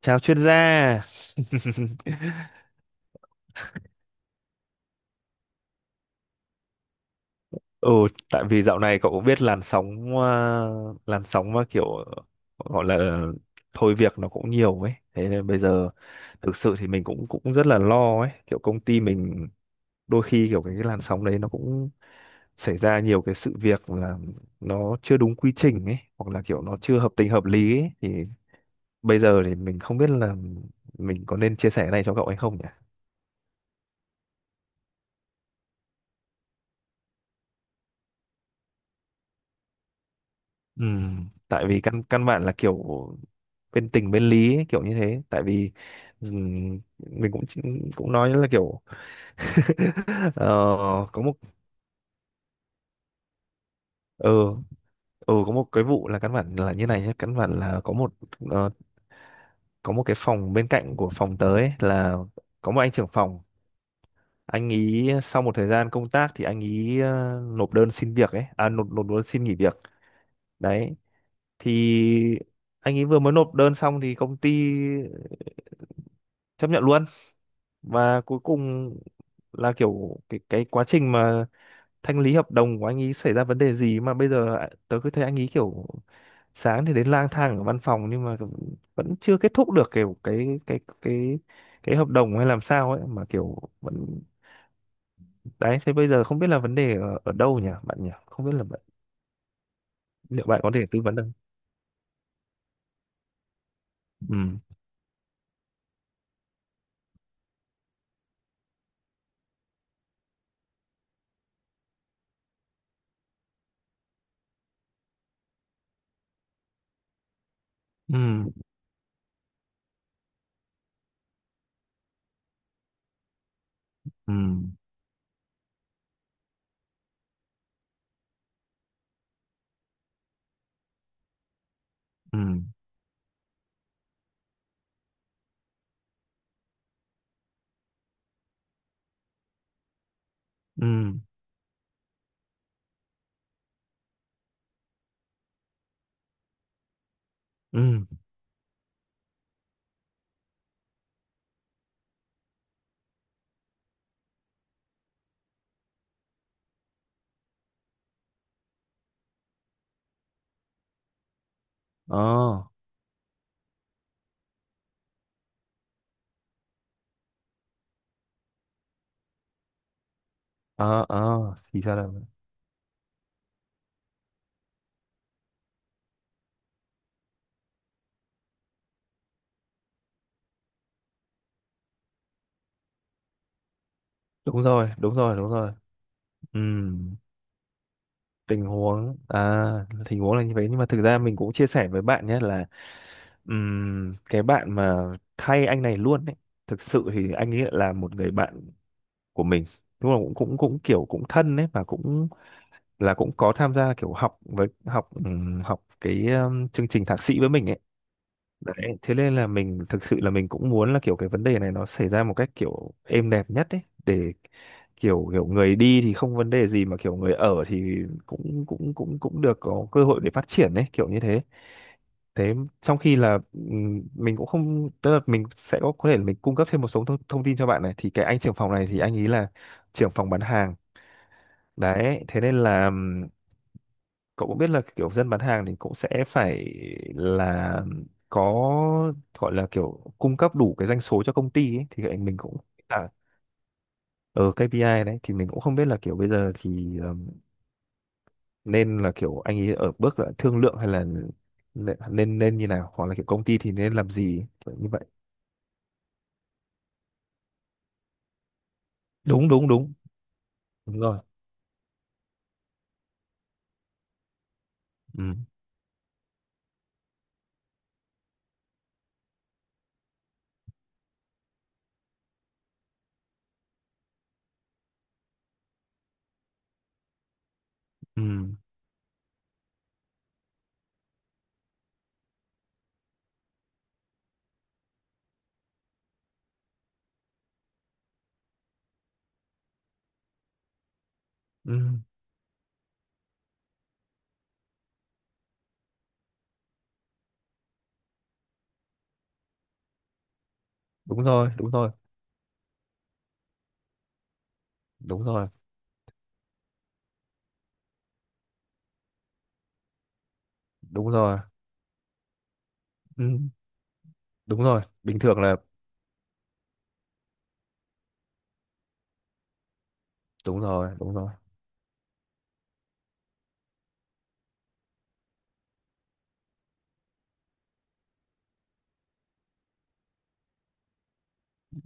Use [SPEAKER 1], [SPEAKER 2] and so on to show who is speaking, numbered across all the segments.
[SPEAKER 1] Chào chuyên gia. Ừ, tại vì dạo này cậu cũng biết làn sóng mà kiểu gọi là thôi việc nó cũng nhiều ấy. Thế nên bây giờ thực sự thì mình cũng cũng rất là lo ấy, kiểu công ty mình đôi khi kiểu cái làn sóng đấy nó cũng xảy ra nhiều cái sự việc là nó chưa đúng quy trình ấy hoặc là kiểu nó chưa hợp tình hợp lý ấy. Thì bây giờ thì mình không biết là mình có nên chia sẻ cái này cho cậu hay không nhỉ? Ừ, tại vì căn căn bản là kiểu bên tình bên lý ấy, kiểu như thế, tại vì mình cũng cũng nói là kiểu ờ, có một ờ có một cái vụ là căn bản là như này nhé, căn bản là có một, ờ, có một cái phòng bên cạnh của phòng tớ ấy, là có một anh trưởng phòng. Anh ý sau một thời gian công tác thì anh ý nộp đơn xin nghỉ việc. Đấy, thì anh ấy vừa mới nộp đơn xong thì công ty chấp nhận luôn, và cuối cùng là kiểu cái quá trình mà thanh lý hợp đồng của anh ấy xảy ra vấn đề gì mà bây giờ ạ, tớ cứ thấy anh ấy kiểu sáng thì đến lang thang ở văn phòng nhưng mà vẫn chưa kết thúc được kiểu cái hợp đồng hay làm sao ấy mà kiểu vẫn. Đấy, thế bây giờ không biết là vấn đề ở đâu nhỉ bạn nhỉ, không biết là bạn, liệu bạn có thể tư vấn được không? Ừ, ừ, ừ, ừ, ừ, ừ. Ờ, ờ, ờ. Thì ra là đúng rồi, đúng rồi, đúng rồi. Ừ, tình huống à tình huống là như vậy, nhưng mà thực ra mình cũng chia sẻ với bạn nhé, là cái bạn mà thay anh này luôn ấy, thực sự thì anh ấy là một người bạn của mình, đúng là cũng cũng cũng kiểu cũng thân ấy, và cũng là cũng có tham gia kiểu học với học học cái chương trình thạc sĩ với mình ấy. Đấy, thế nên là mình thực sự là mình cũng muốn là kiểu cái vấn đề này nó xảy ra một cách kiểu êm đẹp nhất ấy, để kiểu kiểu người đi thì không vấn đề gì, mà kiểu người ở thì cũng cũng cũng cũng được có cơ hội để phát triển ấy kiểu như thế. Thế, trong khi là mình cũng không, tức là mình sẽ có thể là mình cung cấp thêm một số thông tin cho bạn này, thì cái anh trưởng phòng này thì anh ý là trưởng phòng bán hàng. Đấy, thế nên là cậu cũng biết là kiểu dân bán hàng thì cũng sẽ phải là có, gọi là kiểu cung cấp đủ cái doanh số cho công ty ấy, thì mình cũng à, ở KPI. Đấy, thì mình cũng không biết là kiểu bây giờ thì nên là kiểu anh ấy ở bước là thương lượng hay là nên nên nên như nào, hoặc là kiểu công ty thì nên làm gì kiểu như vậy. Đúng, đúng, đúng, đúng rồi. Ừ, ừ, ừ. Đúng rồi, đúng rồi, đúng rồi, đúng rồi. Ừ, đúng rồi, bình thường là đúng rồi, đúng rồi,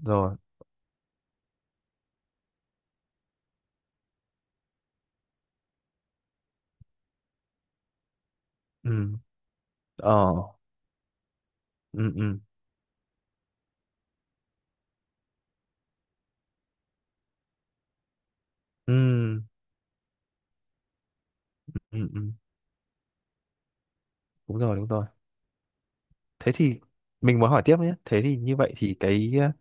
[SPEAKER 1] rồi. Ừ, ờ, ừ, ừ, ừ, ừ, ừ. Đúng rồi, đúng rồi. Thế thì mình muốn hỏi tiếp nhé. Thế thì như vậy thì cái ờ,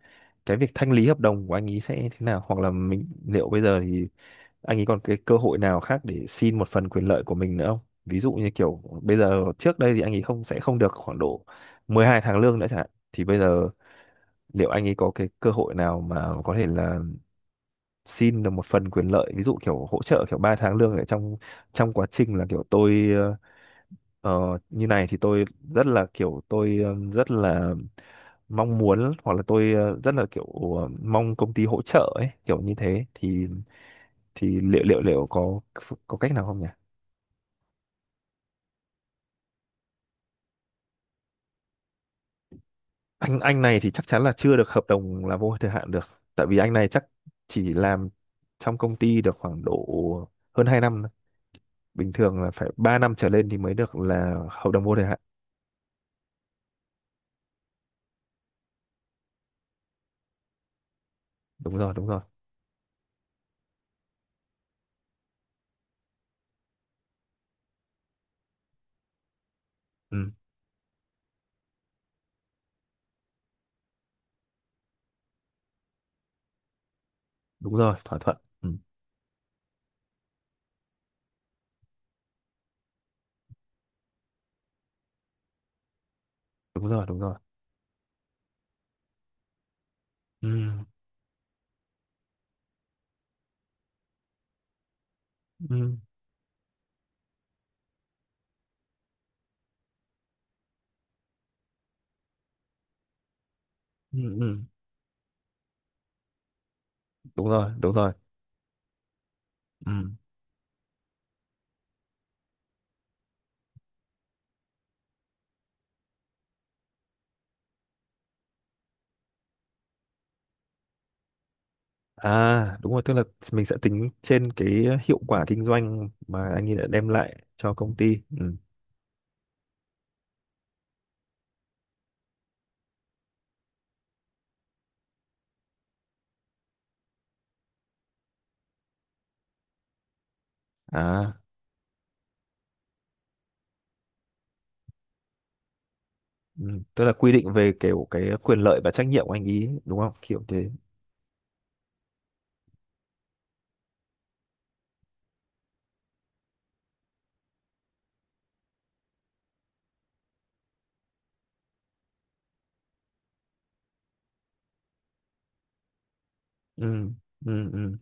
[SPEAKER 1] cái việc thanh lý hợp đồng của anh ý sẽ thế nào, hoặc là mình liệu bây giờ thì anh ấy còn cái cơ hội nào khác để xin một phần quyền lợi của mình nữa không, ví dụ như kiểu bây giờ trước đây thì anh ấy không sẽ không được khoảng độ 12 tháng lương nữa chẳng hạn, thì bây giờ liệu anh ấy có cái cơ hội nào mà có thể là xin được một phần quyền lợi, ví dụ kiểu hỗ trợ kiểu 3 tháng lương ở trong trong quá trình là kiểu tôi, Ờ, như này thì tôi rất là kiểu tôi, rất là mong muốn, hoặc là tôi, rất là kiểu mong công ty hỗ trợ ấy kiểu như thế, thì liệu liệu liệu có cách nào không nhỉ? Anh này thì chắc chắn là chưa được hợp đồng là vô thời hạn được, tại vì anh này chắc chỉ làm trong công ty được khoảng độ hơn 2 năm thôi. Bình thường là phải 3 năm trở lên thì mới được là hợp đồng vô thời hạn. Đúng rồi, đúng rồi. Ừ, đúng rồi, thỏa thuận. Ừ, đúng rồi, đúng rồi. Ừ, ừ, ừ. Ừ. Đúng rồi, đúng rồi. Ừ. À, đúng rồi, tức là mình sẽ tính trên cái hiệu quả kinh doanh mà anh ấy đã đem lại cho công ty. Ừ. À, ừ. Tức là quy định về kiểu cái quyền lợi và trách nhiệm của anh ý đúng không, kiểu thế. Ừ. Ừ. Ừ.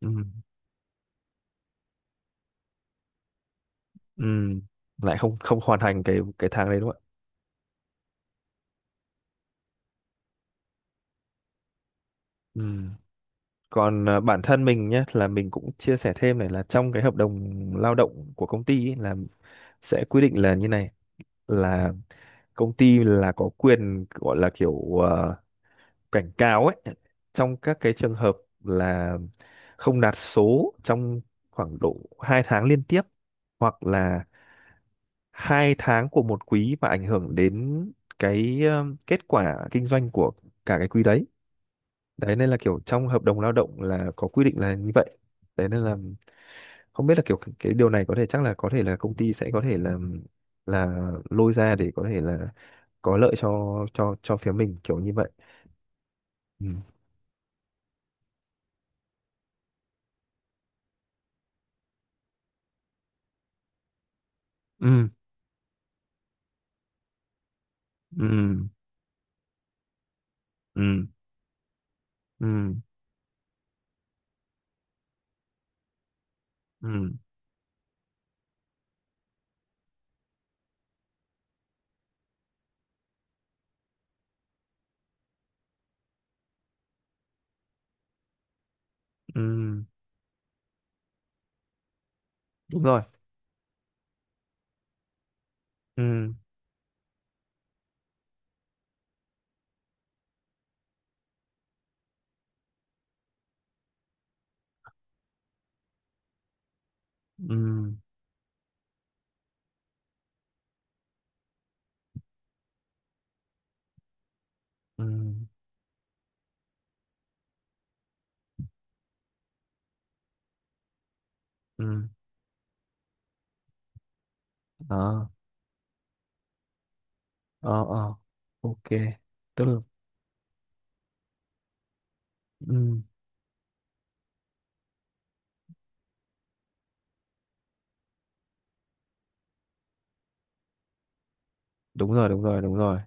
[SPEAKER 1] Ừ. Ừ. Lại không không hoàn thành cái tháng đấy đúng không ạ? Ừ. Còn à, bản thân mình nhé, là mình cũng chia sẻ thêm này, là trong cái hợp đồng lao động của công ty ý, là sẽ quy định là như này, là công ty là có quyền gọi là kiểu cảnh cáo ấy trong các cái trường hợp là không đạt số trong khoảng độ 2 tháng liên tiếp, hoặc là 2 tháng của một quý và ảnh hưởng đến cái kết quả kinh doanh của cả cái quý đấy. Đấy nên là kiểu trong hợp đồng lao động là có quy định là như vậy. Đấy nên là không biết là kiểu cái điều này có thể chắc là có thể là công ty sẽ có thể là là lôi ra để có thể là có lợi cho phía mình kiểu như vậy. Ừ, ừ, ừ, ừ, ừ, ừ, ừ, đúng rồi. Ừ, ừ, ừ, ừ. Đó. Ờ, ờ, ok, tức là. Ừ, đúng rồi, đúng rồi, đúng rồi.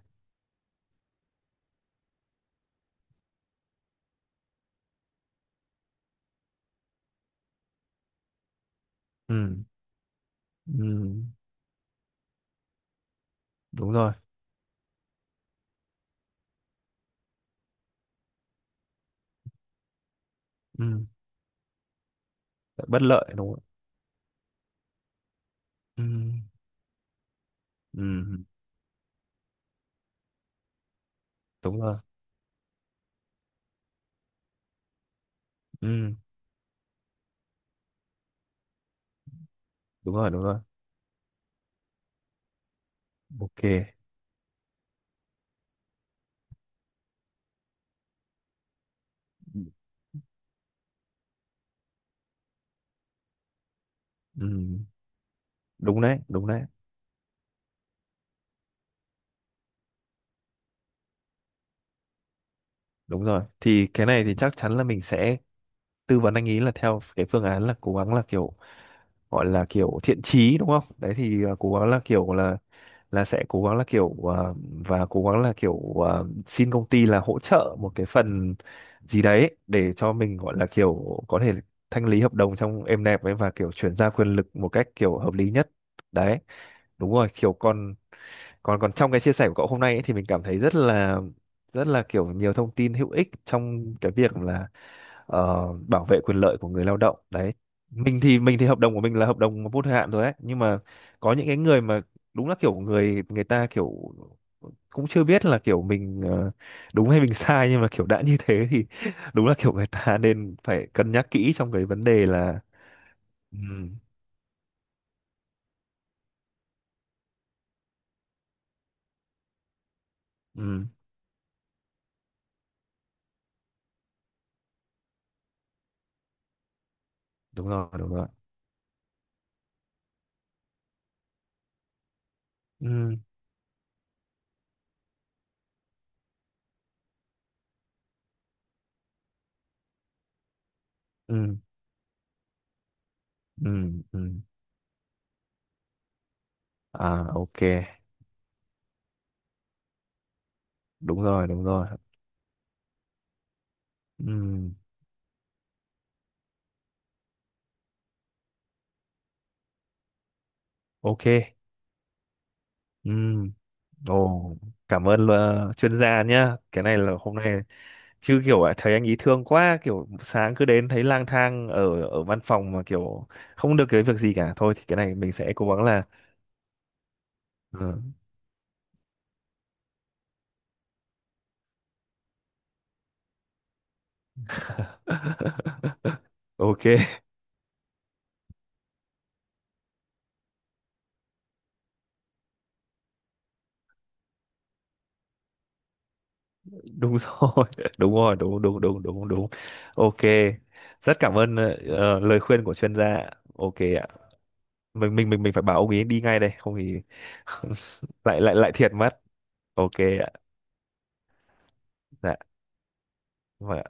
[SPEAKER 1] Ừ, ừ, đúng rồi. Ừ, bất lợi đúng không? Ừ, ừ, đúng rồi. Ừ, đúng rồi, đúng rồi. Ok. Ừ, đúng đấy, đúng đấy, đúng rồi. Thì cái này thì chắc chắn là mình sẽ tư vấn anh ý là theo cái phương án là cố gắng là kiểu, gọi là kiểu thiện chí đúng không? Đấy thì à, cố gắng là kiểu là sẽ cố gắng là kiểu à, và cố gắng là kiểu à, xin công ty là hỗ trợ một cái phần gì đấy để cho mình gọi là kiểu có thể thanh lý hợp đồng trong êm đẹp ấy, và kiểu chuyển giao quyền lực một cách kiểu hợp lý nhất. Đấy, đúng rồi, kiểu còn còn còn trong cái chia sẻ của cậu hôm nay ấy, thì mình cảm thấy rất là kiểu nhiều thông tin hữu ích trong cái việc là ờ, bảo vệ quyền lợi của người lao động đấy. Mình thì hợp đồng của mình là hợp đồng vô thời hạn rồi đấy, nhưng mà có những cái người mà đúng là kiểu người người ta kiểu cũng chưa biết là kiểu mình, đúng hay mình sai, nhưng mà kiểu đã như thế thì đúng là kiểu người ta nên phải cân nhắc kỹ trong cái vấn đề là. Ừ, ừ, đúng rồi, đúng rồi. Ừ, ừ, ừ, ừ. À, ok, đúng rồi, đúng rồi. Ừm, ok. Ừm, ồ, cảm ơn chuyên gia nhá, cái này là hôm nay chứ kiểu à, thấy anh ý thương quá kiểu sáng cứ đến thấy lang thang ở ở văn phòng mà kiểu không được cái việc gì cả thôi, thì cái này mình sẽ cố gắng là. Ừ. Ok, đúng rồi. Đúng rồi, đúng, đúng, đúng, đúng, đúng. Ok, rất cảm ơn lời khuyên của chuyên gia. Ok ạ. Mình phải bảo ông ấy đi ngay đây không thì lại lại lại thiệt mất. Ok ạ. Dạ. Không phải